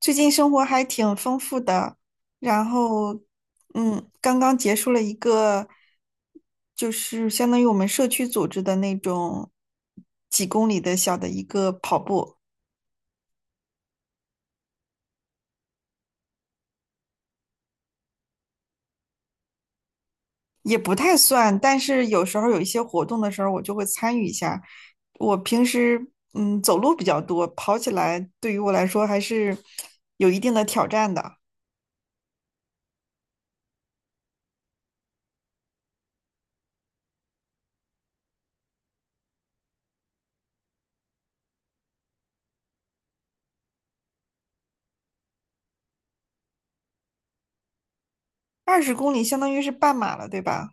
最近生活还挺丰富的，然后，刚刚结束了一个，就是相当于我们社区组织的那种几公里的小的一个跑步，也不太算，但是有时候有一些活动的时候，我就会参与一下。我平时走路比较多，跑起来对于我来说还是有一定的挑战的。20公里相当于是半马了，对吧？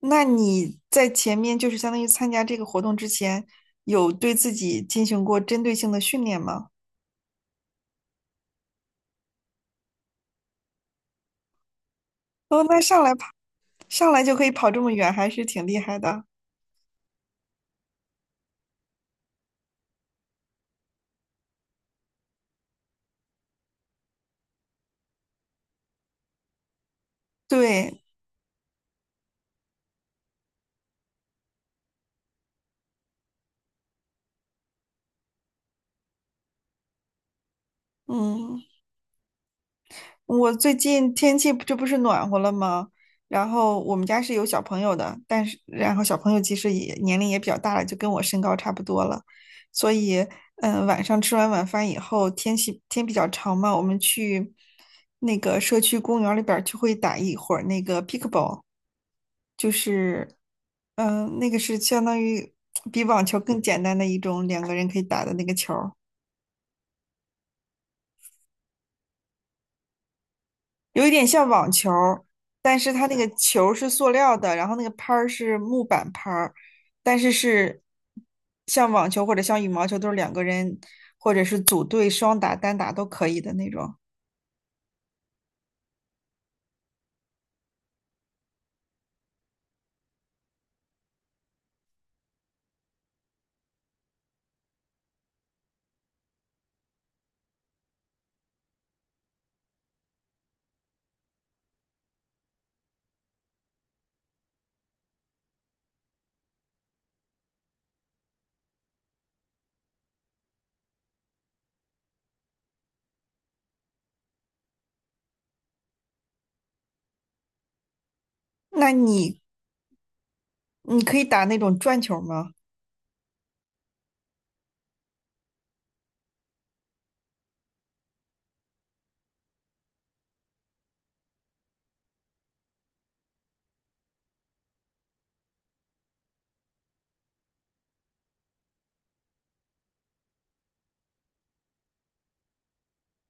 那你在前面就是相当于参加这个活动之前，有对自己进行过针对性的训练吗？哦，那上来跑，上来就可以跑这么远，还是挺厉害的。对，嗯。我最近天气不这不是暖和了吗？然后我们家是有小朋友的，但是然后小朋友其实也年龄也比较大了，就跟我身高差不多了，所以晚上吃完晚饭以后，天气天比较长嘛，我们去那个社区公园里边儿就会打一会儿那个 pickleball,就是那个是相当于比网球更简单的一种两个人可以打的那个球儿。有一点像网球儿但是它那个球儿是塑料的，然后那个拍儿是木板拍儿，但是是像网球或者像羽毛球都是两个人或者是组队双打、单打都可以的那种。那你可以打那种转球吗？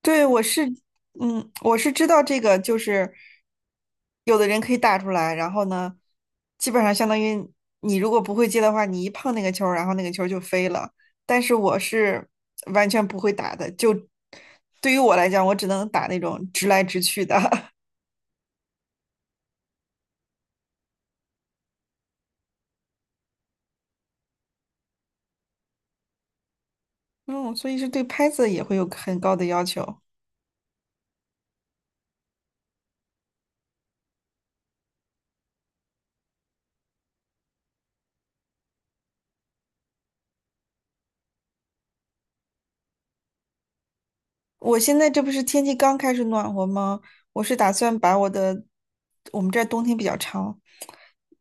对，我是知道这个，就是有的人可以打出来，然后呢，基本上相当于你如果不会接的话，你一碰那个球儿然后那个球儿就飞了。但是我是完全不会打的，就对于我来讲，我只能打那种直来直去的。嗯，所以是对拍子也会有很高的要求。我现在这不是天气刚开始暖和吗？我是打算把我的，我们这儿冬天比较长，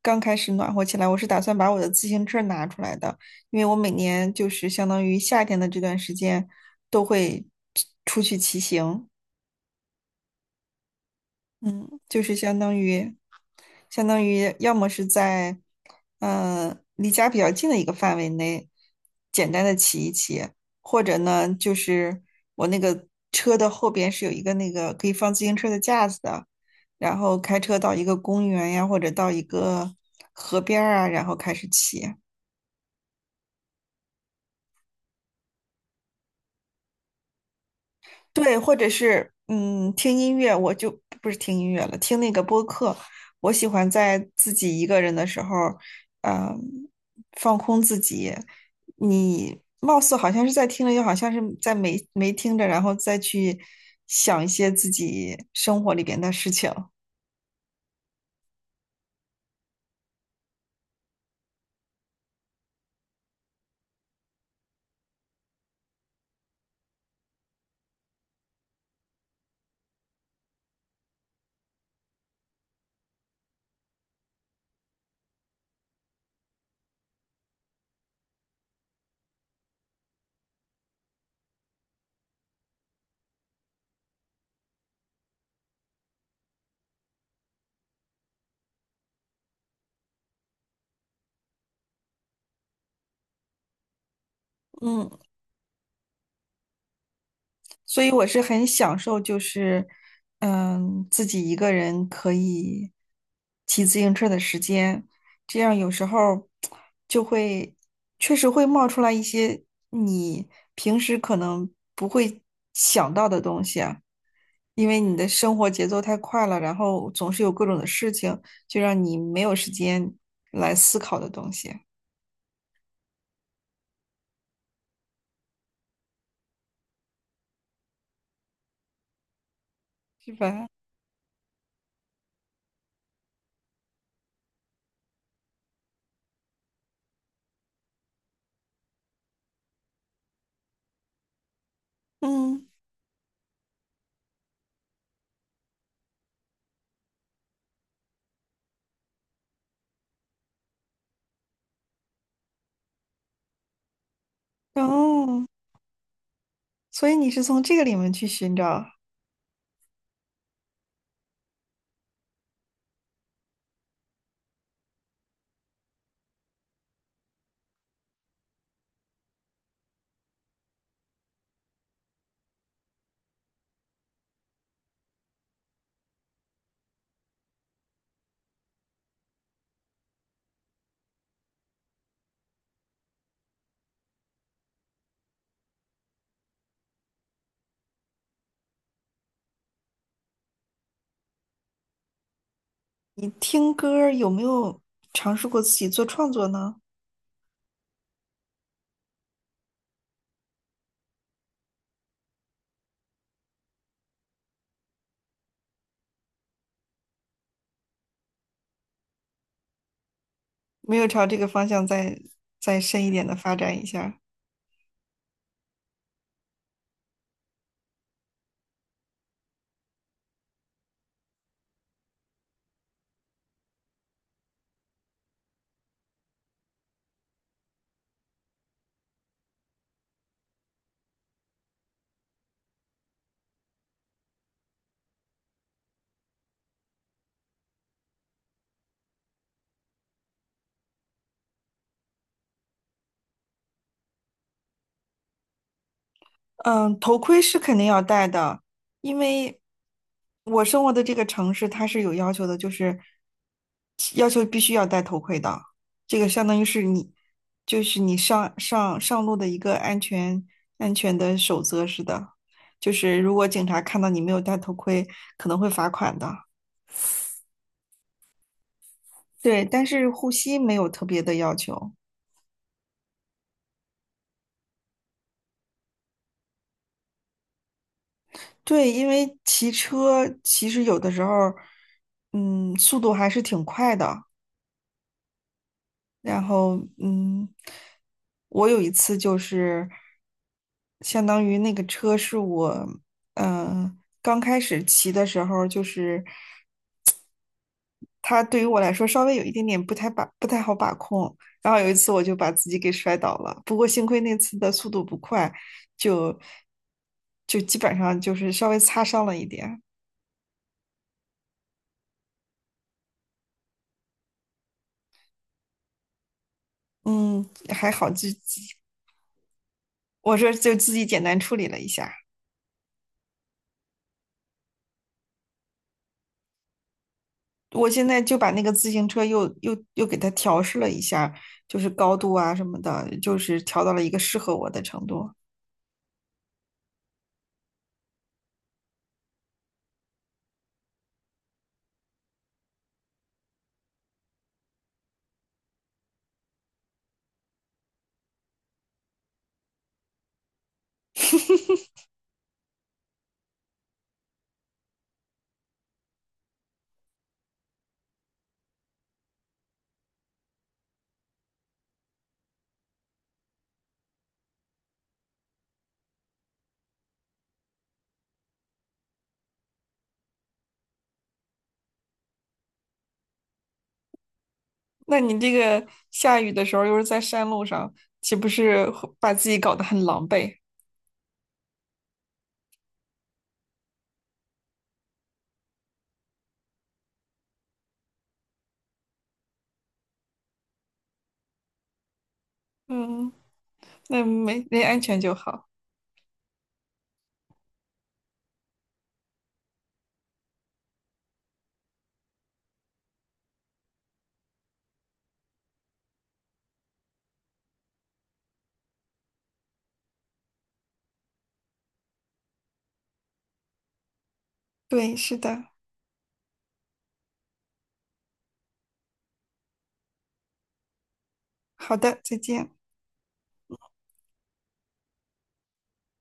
刚开始暖和起来，我是打算把我的自行车拿出来的，因为我每年就是相当于夏天的这段时间都会出去骑行。嗯，就是相当于要么是在，嗯、离家比较近的一个范围内，简单的骑一骑，或者呢，就是我那个车的后边是有一个那个可以放自行车的架子的，然后开车到一个公园呀，或者到一个河边儿啊，然后开始骑。对，或者是听音乐，我就不是听音乐了，听那个播客。我喜欢在自己一个人的时候，嗯，放空自己。你貌似好像是在听着，又好像是在没听着，然后再去想一些自己生活里边的事情。嗯。所以我是很享受，就是自己一个人可以骑自行车的时间，这样有时候就会确实会冒出来一些你平时可能不会想到的东西啊，因为你的生活节奏太快了，然后总是有各种的事情，就让你没有时间来思考的东西，是吧？嗯，哦，所以你是从这个里面去寻找。你听歌儿有没有尝试过自己做创作呢？没有朝这个方向再深一点的发展一下。嗯，头盔是肯定要戴的，因为我生活的这个城市它是有要求的，就是要求必须要戴头盔的。这个相当于是你，就是你上路的一个安全的守则似的，就是如果警察看到你没有戴头盔，可能会罚款的。对，但是护膝没有特别的要求。对，因为骑车其实有的时候，速度还是挺快的。然后，我有一次就是相当于那个车是我，刚开始骑的时候就是。它对于我来说稍微有一点点不太好把控。然后有一次我就把自己给摔倒了，不过幸亏那次的速度不快，就就基本上就是稍微擦伤了一点。嗯，还好自己，我说就自己简单处理了一下。我现在就把那个自行车又给它调试了一下，就是高度啊什么的，就是调到了一个适合我的程度。那你这个下雨的时候又是在山路上，岂不是会把自己搞得很狼狈？嗯，那没安全就好。对，是的。好的，再见。